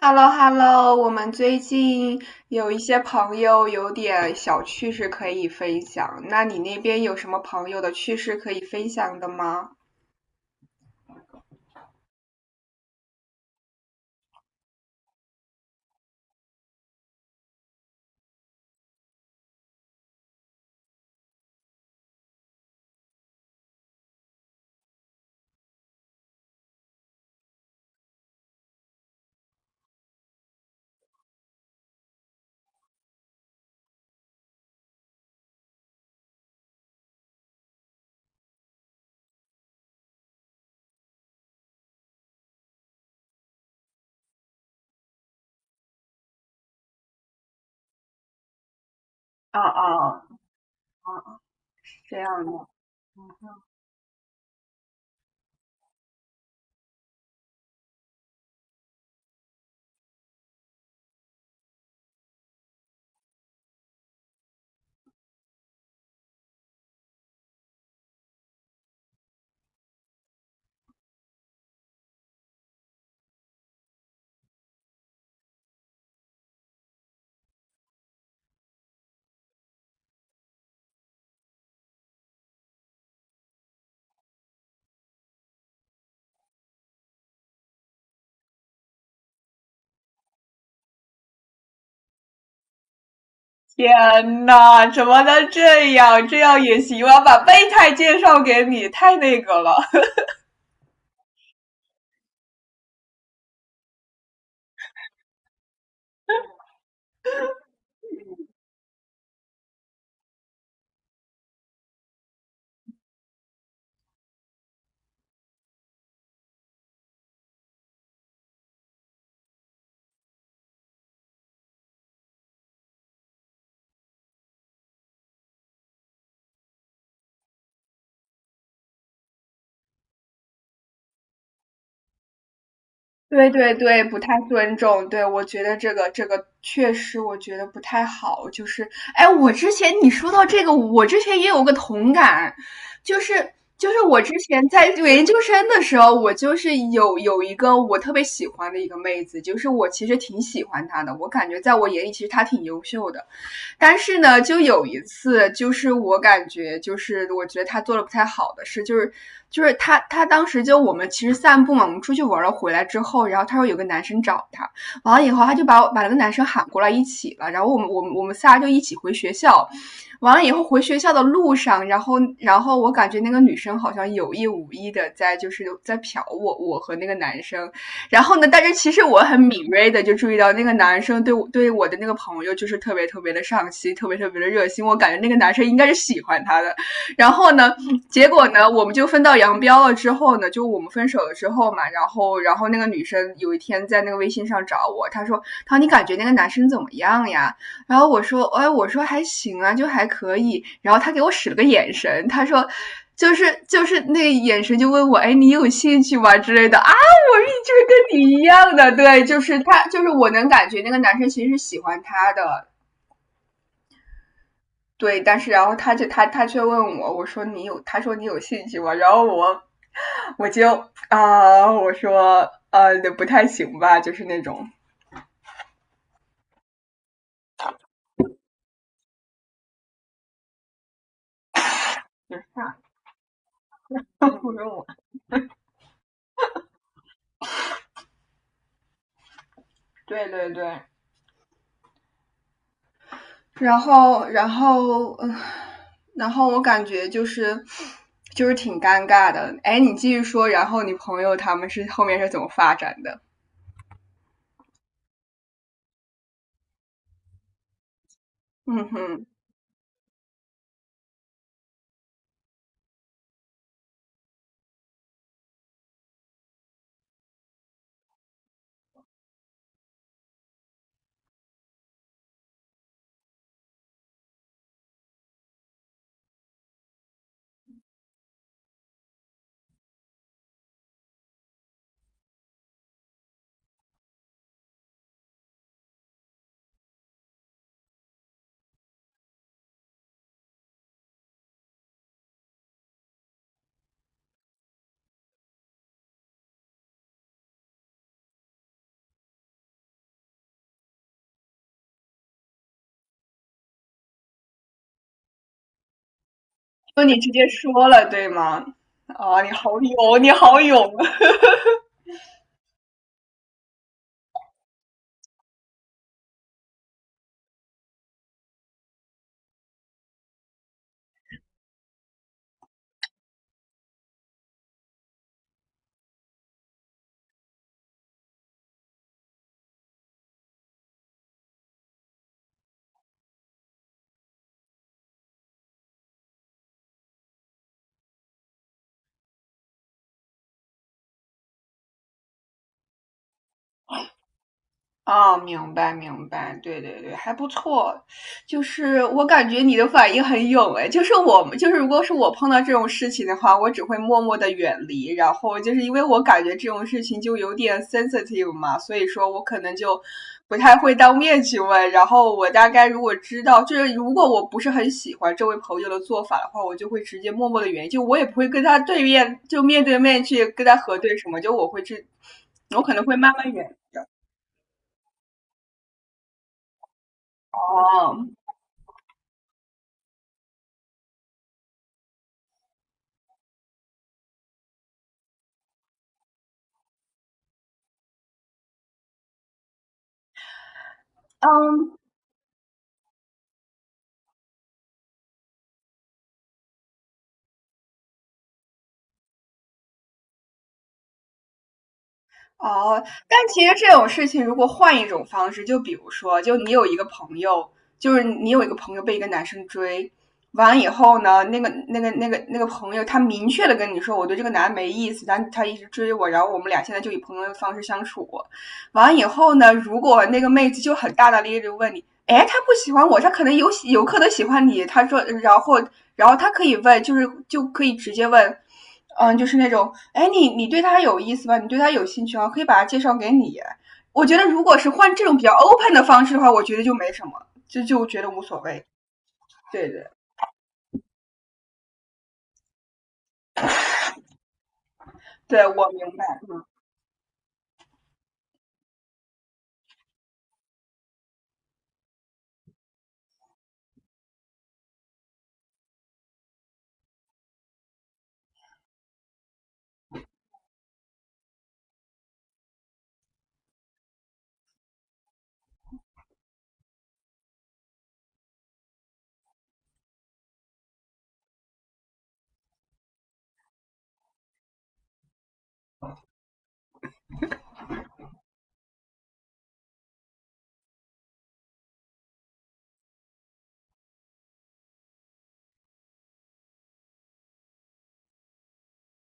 h e l l o h e l l o 我们最近有一些朋友有点小趣事可以分享，那你那边有什么朋友的趣事可以分享的吗？啊啊啊！这样的。天呐，怎么能这样？这样也行？我要把备胎介绍给你，太那个了。对对对，不太尊重，对，我觉得这个确实，我觉得不太好。就是，哎，我之前你说到这个，我之前也有个同感，就是就是我之前在研究生的时候，我就是有一个我特别喜欢的一个妹子，就是我其实挺喜欢她的，我感觉在我眼里其实她挺优秀的。但是呢，就有一次，就是我感觉，就是我觉得他做的不太好的事，就是他当时就我们其实散步嘛，我们出去玩了，回来之后，然后他说有个男生找他，完了以后他就把那个男生喊过来一起了，然后我们仨就一起回学校。完了以后回学校的路上，然后我感觉那个女生好像有意无意的在就是在瞟我，我和那个男生。然后呢，但是其实我很敏锐的就注意到那个男生对我的那个朋友就是特别特别的上心，特别特别的热心，我感觉那个男生应该是喜欢他的。然后呢，结果呢，我们就分道扬镳了之后呢，就我们分手了之后嘛，然后那个女生有一天在那个微信上找我，她说："她说你感觉那个男生怎么样呀？"然后我说："哎，我说还行啊，就还可以。"然后她给我使了个眼神，她说。就是那个眼神就问我，哎，你有兴趣吗之类的啊？我就是跟你一样的，对，就是他，就是我能感觉那个男生其实是喜欢他的，对。但是然后他就他却问我，我说你有，他说你有兴趣吗？然后我我就我说不太行吧，就是那种啊， 不如我。对对对，然后然后然后我感觉就是就是挺尴尬的。哎，你继续说，然后你朋友他们是后面是怎么发展的？嗯哼。那你直接说了，对吗？啊，你好勇，你好勇！啊，明白明白，对对对，还不错。就是我感觉你的反应很勇诶，就是我们就是如果是我碰到这种事情的话，我只会默默的远离。然后就是因为我感觉这种事情就有点 sensitive 嘛，所以说我可能就不太会当面去问。然后我大概如果知道，就是如果我不是很喜欢这位朋友的做法的话，我就会直接默默的远离，就我也不会跟他对面就面对面去跟他核对什么，就我会去，我可能会慢慢远。哦，嗯，哦，但其实这种事情，如果换一种方式，就比如说，就你有一个朋友，就是你有一个朋友被一个男生追，完了以后呢，那个朋友，他明确的跟你说，我对这个男的没意思，但他一直追我，然后我们俩现在就以朋友的方式相处。完了以后呢，如果那个妹子就很大大咧咧的问你，哎，他不喜欢我，他可能有喜有可能喜欢你，他说，然后然后他可以问，就是就可以直接问。嗯，就是那种，哎，你你对他有意思吧？你对他有兴趣啊？可以把他介绍给你。我觉得如果是换这种比较 open 的方式的话，我觉得就没什么，就就觉得无所谓。对对对，我明白。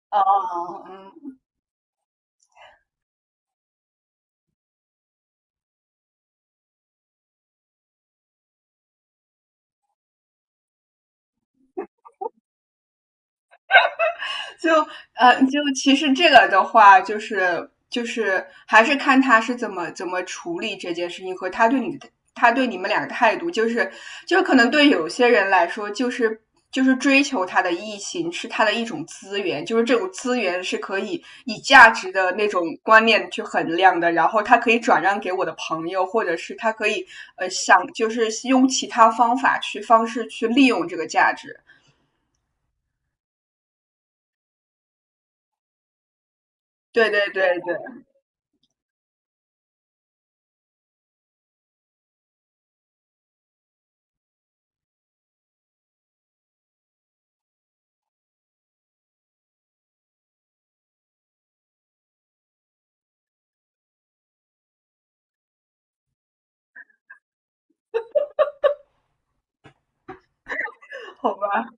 啊，嗯。就就其实这个的话，就是就是还是看他是怎么处理这件事情和他对你的他对你们俩的态度，就是就是可能对有些人来说，就是就是追求他的异性是他的一种资源，就是这种资源是可以以价值的那种观念去衡量的，然后他可以转让给我的朋友，或者是他可以想就是用其他方法去方式去利用这个价值。对对对对，好吧。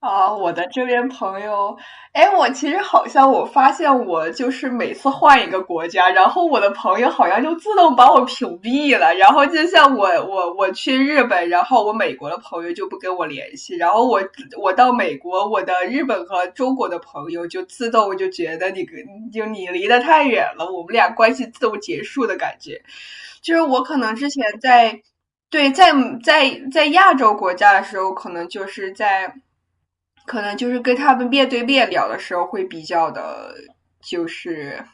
啊，我的这边朋友，哎，我其实好像我发现我就是每次换一个国家，然后我的朋友好像就自动把我屏蔽了。然后就像我去日本，然后我美国的朋友就不跟我联系，然后我我到美国，我的日本和中国的朋友就自动就觉得你跟就你离得太远了，我们俩关系自动结束的感觉。就是我可能之前在对，在在在亚洲国家的时候，可能就是在，可能就是跟他们面对面聊的时候会比较的，就是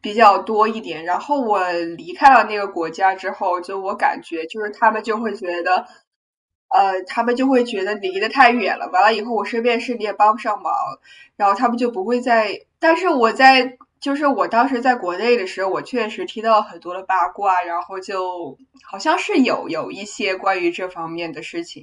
比较多一点。然后我离开了那个国家之后，就我感觉就是他们就会觉得他们就会觉得离得太远了，完了以后我身边时你也帮不上忙，然后他们就不会再。但是我在，就是我当时在国内的时候，我确实听到很多的八卦，然后就好像是有一些关于这方面的事情。